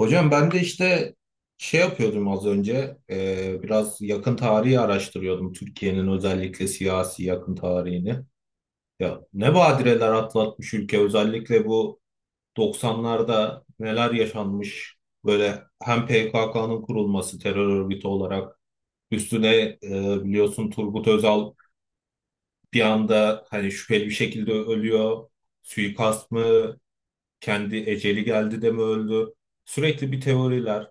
Hocam ben de işte şey yapıyordum az önce biraz yakın tarihi araştırıyordum Türkiye'nin özellikle siyasi yakın tarihini. Ya ne badireler atlatmış ülke, özellikle bu 90'larda neler yaşanmış, böyle hem PKK'nın kurulması terör örgütü olarak üstüne biliyorsun Turgut Özal bir anda hani şüpheli bir şekilde ölüyor. Suikast mı, kendi eceli geldi de mi öldü? Sürekli bir teoriler.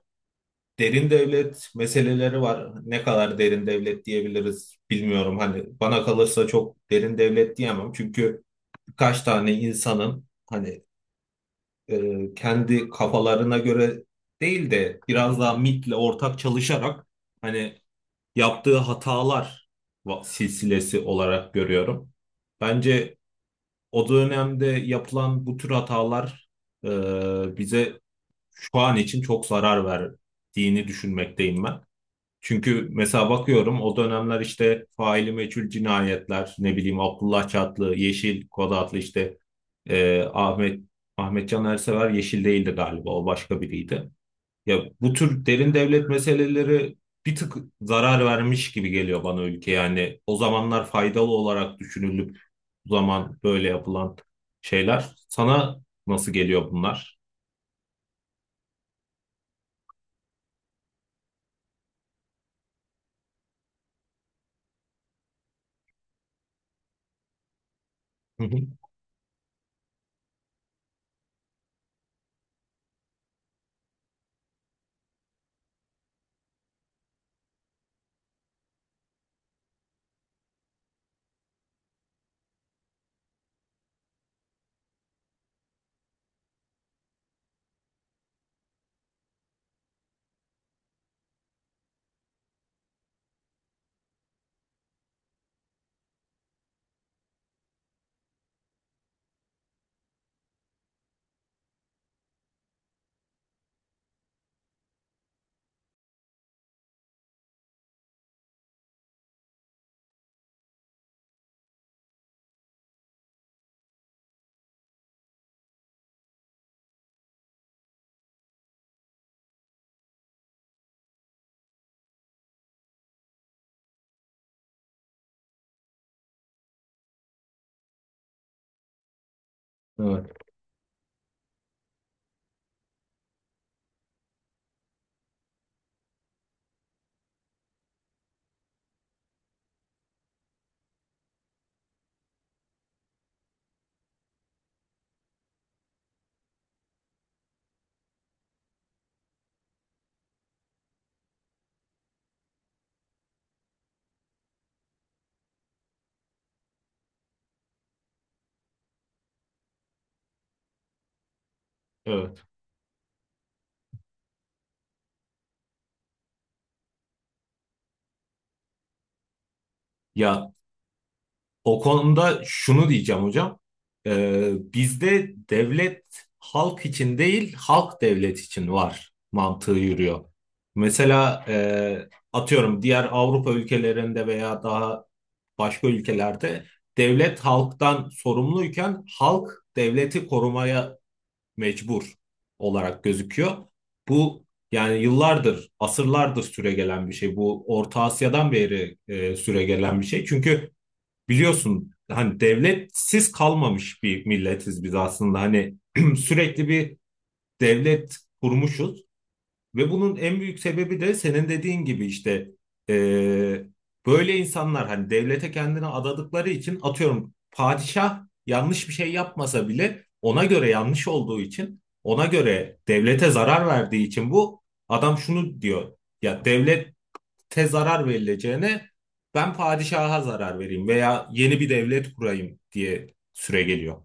Derin devlet meseleleri var. Ne kadar derin devlet diyebiliriz bilmiyorum. Hani bana kalırsa çok derin devlet diyemem. Çünkü birkaç tane insanın hani kendi kafalarına göre değil de biraz daha MIT'le ortak çalışarak hani yaptığı hatalar silsilesi olarak görüyorum. Bence o dönemde yapılan bu tür hatalar e, bize şu an için çok zarar verdiğini düşünmekteyim ben. Çünkü mesela bakıyorum o dönemler işte faili meçhul cinayetler, ne bileyim Abdullah Çatlı, Yeşil Kod adlı işte e, Ahmet Ahmet Can Ersever. Yeşil değildi galiba, o başka biriydi. Ya bu tür derin devlet meseleleri bir tık zarar vermiş gibi geliyor bana ülke, yani o zamanlar faydalı olarak düşünülüp bu zaman böyle yapılan şeyler sana nasıl geliyor bunlar? Hı hı. Evet. Evet. Ya O konuda şunu diyeceğim hocam. Bizde devlet halk için değil, halk devlet için var mantığı yürüyor. Mesela atıyorum diğer Avrupa ülkelerinde veya daha başka ülkelerde devlet halktan sorumluyken halk devleti korumaya mecbur olarak gözüküyor. Bu yani yıllardır, asırlardır süregelen bir şey. Bu Orta Asya'dan beri süregelen bir şey. Çünkü biliyorsun hani devletsiz kalmamış bir milletiz biz aslında. Hani sürekli bir devlet kurmuşuz ve bunun en büyük sebebi de senin dediğin gibi işte e, böyle insanlar hani devlete kendini adadıkları için, atıyorum padişah yanlış bir şey yapmasa bile ona göre yanlış olduğu için, ona göre devlete zarar verdiği için bu adam şunu diyor: ya devlet te zarar verileceğine ben padişaha zarar vereyim veya yeni bir devlet kurayım, diye süre geliyor.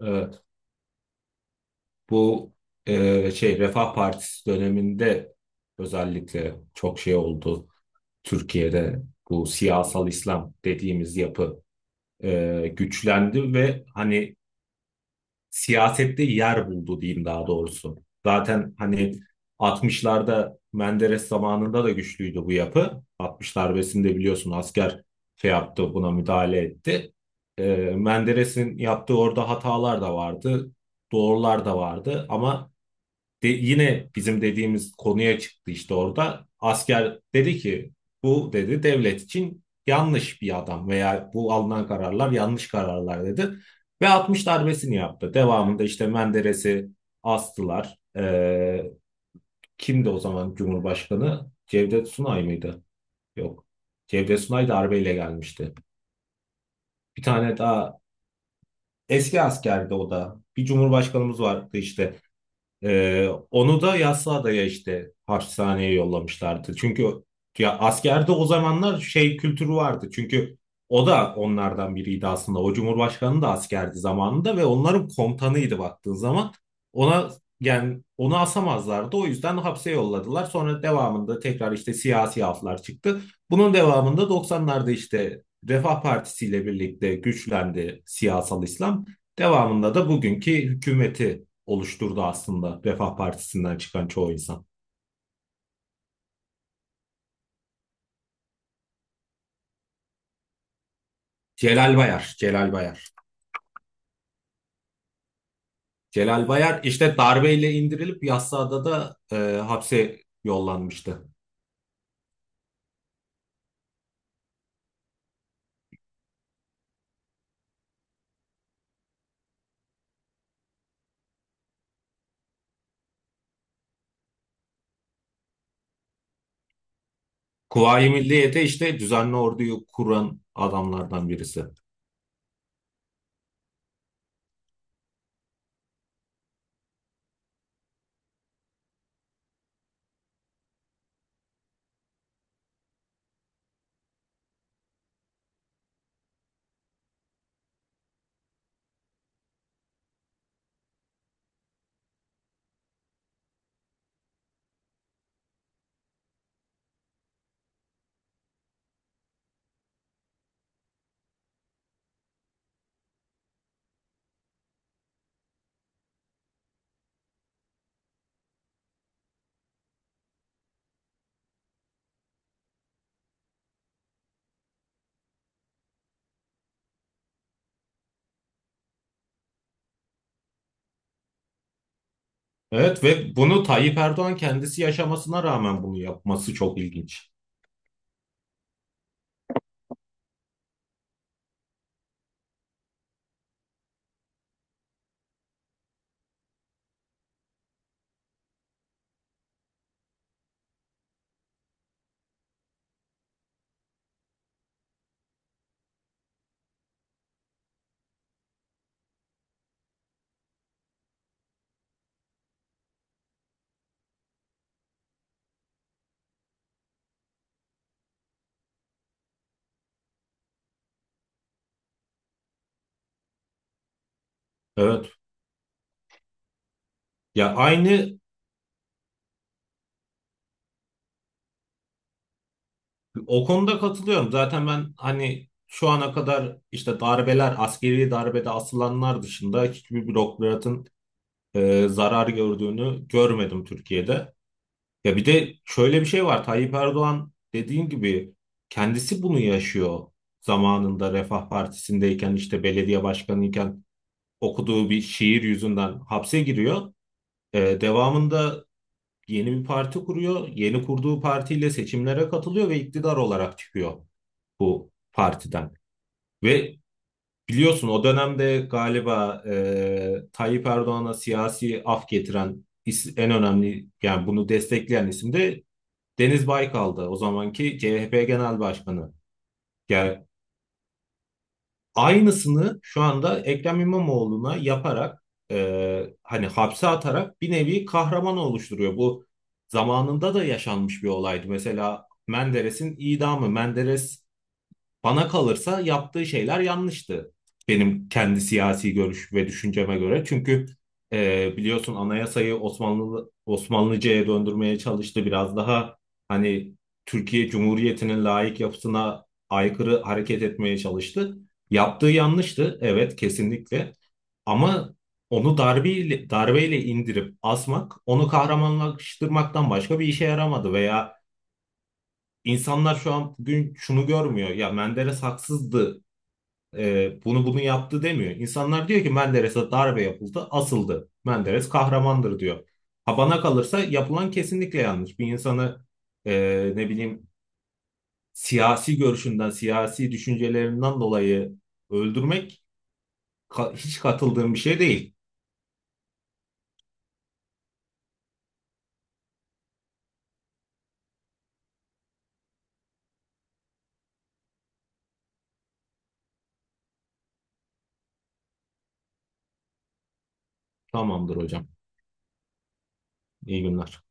Evet, bu şey Refah Partisi döneminde özellikle çok şey oldu. Türkiye'de bu siyasal İslam dediğimiz yapı güçlendi ve hani siyasette yer buldu, diyeyim daha doğrusu. Zaten hani 60'larda Menderes zamanında da güçlüydü bu yapı. 60 darbesinde biliyorsun asker şey yaptı, buna müdahale etti. Menderes'in yaptığı orada hatalar da vardı, doğrular da vardı, ama yine bizim dediğimiz konuya çıktı işte orada. Asker dedi ki bu dedi devlet için yanlış bir adam veya bu alınan kararlar yanlış kararlar dedi. Ve 60 darbesini yaptı. Devamında işte Menderes'i astılar. Kimdi o zaman Cumhurbaşkanı? Cevdet Sunay mıydı? Yok. Cevdet Sunay darbeyle gelmişti. Bir tane daha eski askerdi o da. Bir cumhurbaşkanımız vardı işte. Onu da Yassıada'ya işte hapishaneye yollamışlardı. Çünkü ya askerde o zamanlar şey kültürü vardı. Çünkü o da onlardan biriydi aslında. O cumhurbaşkanı da askerdi zamanında ve onların komutanıydı baktığın zaman. Ona yani onu asamazlardı. O yüzden hapse yolladılar. Sonra devamında tekrar işte siyasi aflar çıktı. Bunun devamında 90'larda işte Refah Partisi ile birlikte güçlendi siyasal İslam. Devamında da bugünkü hükümeti oluşturdu aslında Refah Partisi'nden çıkan çoğu insan. Celal Bayar, Celal Bayar. Celal Bayar işte darbeyle indirilip Yassıada da hapse yollanmıştı. Kuvayi Milliye'de işte düzenli orduyu kuran adamlardan birisi. Evet, ve bunu Tayyip Erdoğan kendisi yaşamasına rağmen bunu yapması çok ilginç. Evet. Ya aynı o konuda katılıyorum. Zaten ben hani şu ana kadar işte darbeler, askeri darbede asılanlar dışında hiçbir bürokratın zarar gördüğünü görmedim Türkiye'de. Ya bir de şöyle bir şey var. Tayyip Erdoğan dediğin gibi kendisi bunu yaşıyor. Zamanında Refah Partisi'ndeyken işte belediye başkanıyken okuduğu bir şiir yüzünden hapse giriyor. Devamında yeni bir parti kuruyor. Yeni kurduğu partiyle seçimlere katılıyor ve iktidar olarak çıkıyor bu partiden. Ve biliyorsun o dönemde galiba Tayyip Erdoğan'a siyasi af getiren en önemli, yani bunu destekleyen isim de Deniz Baykal'dı, o zamanki CHP Genel Başkanı. Yani aynısını şu anda Ekrem İmamoğlu'na yaparak hani hapse atarak bir nevi kahraman oluşturuyor. Bu zamanında da yaşanmış bir olaydı. Mesela Menderes'in idamı. Menderes, bana kalırsa yaptığı şeyler yanlıştı. Benim kendi siyasi görüş ve düşünceme göre. Çünkü biliyorsun anayasayı Osmanlı Osmanlıca'ya döndürmeye çalıştı. Biraz daha hani Türkiye Cumhuriyeti'nin laik yapısına aykırı hareket etmeye çalıştı. Yaptığı yanlıştı, evet kesinlikle. Ama onu darbeyle, darbeyle indirip asmak, onu kahramanlaştırmaktan başka bir işe yaramadı. Veya İnsanlar şu an bugün şunu görmüyor. Ya Menderes haksızdı, bunu yaptı, demiyor. İnsanlar diyor ki Menderes'e darbe yapıldı, asıldı. Menderes kahramandır, diyor. Ha bana kalırsa yapılan kesinlikle yanlış. Bir insanı ne bileyim siyasi görüşünden, siyasi düşüncelerinden dolayı öldürmek hiç katıldığım bir şey değil. Tamamdır hocam. İyi günler.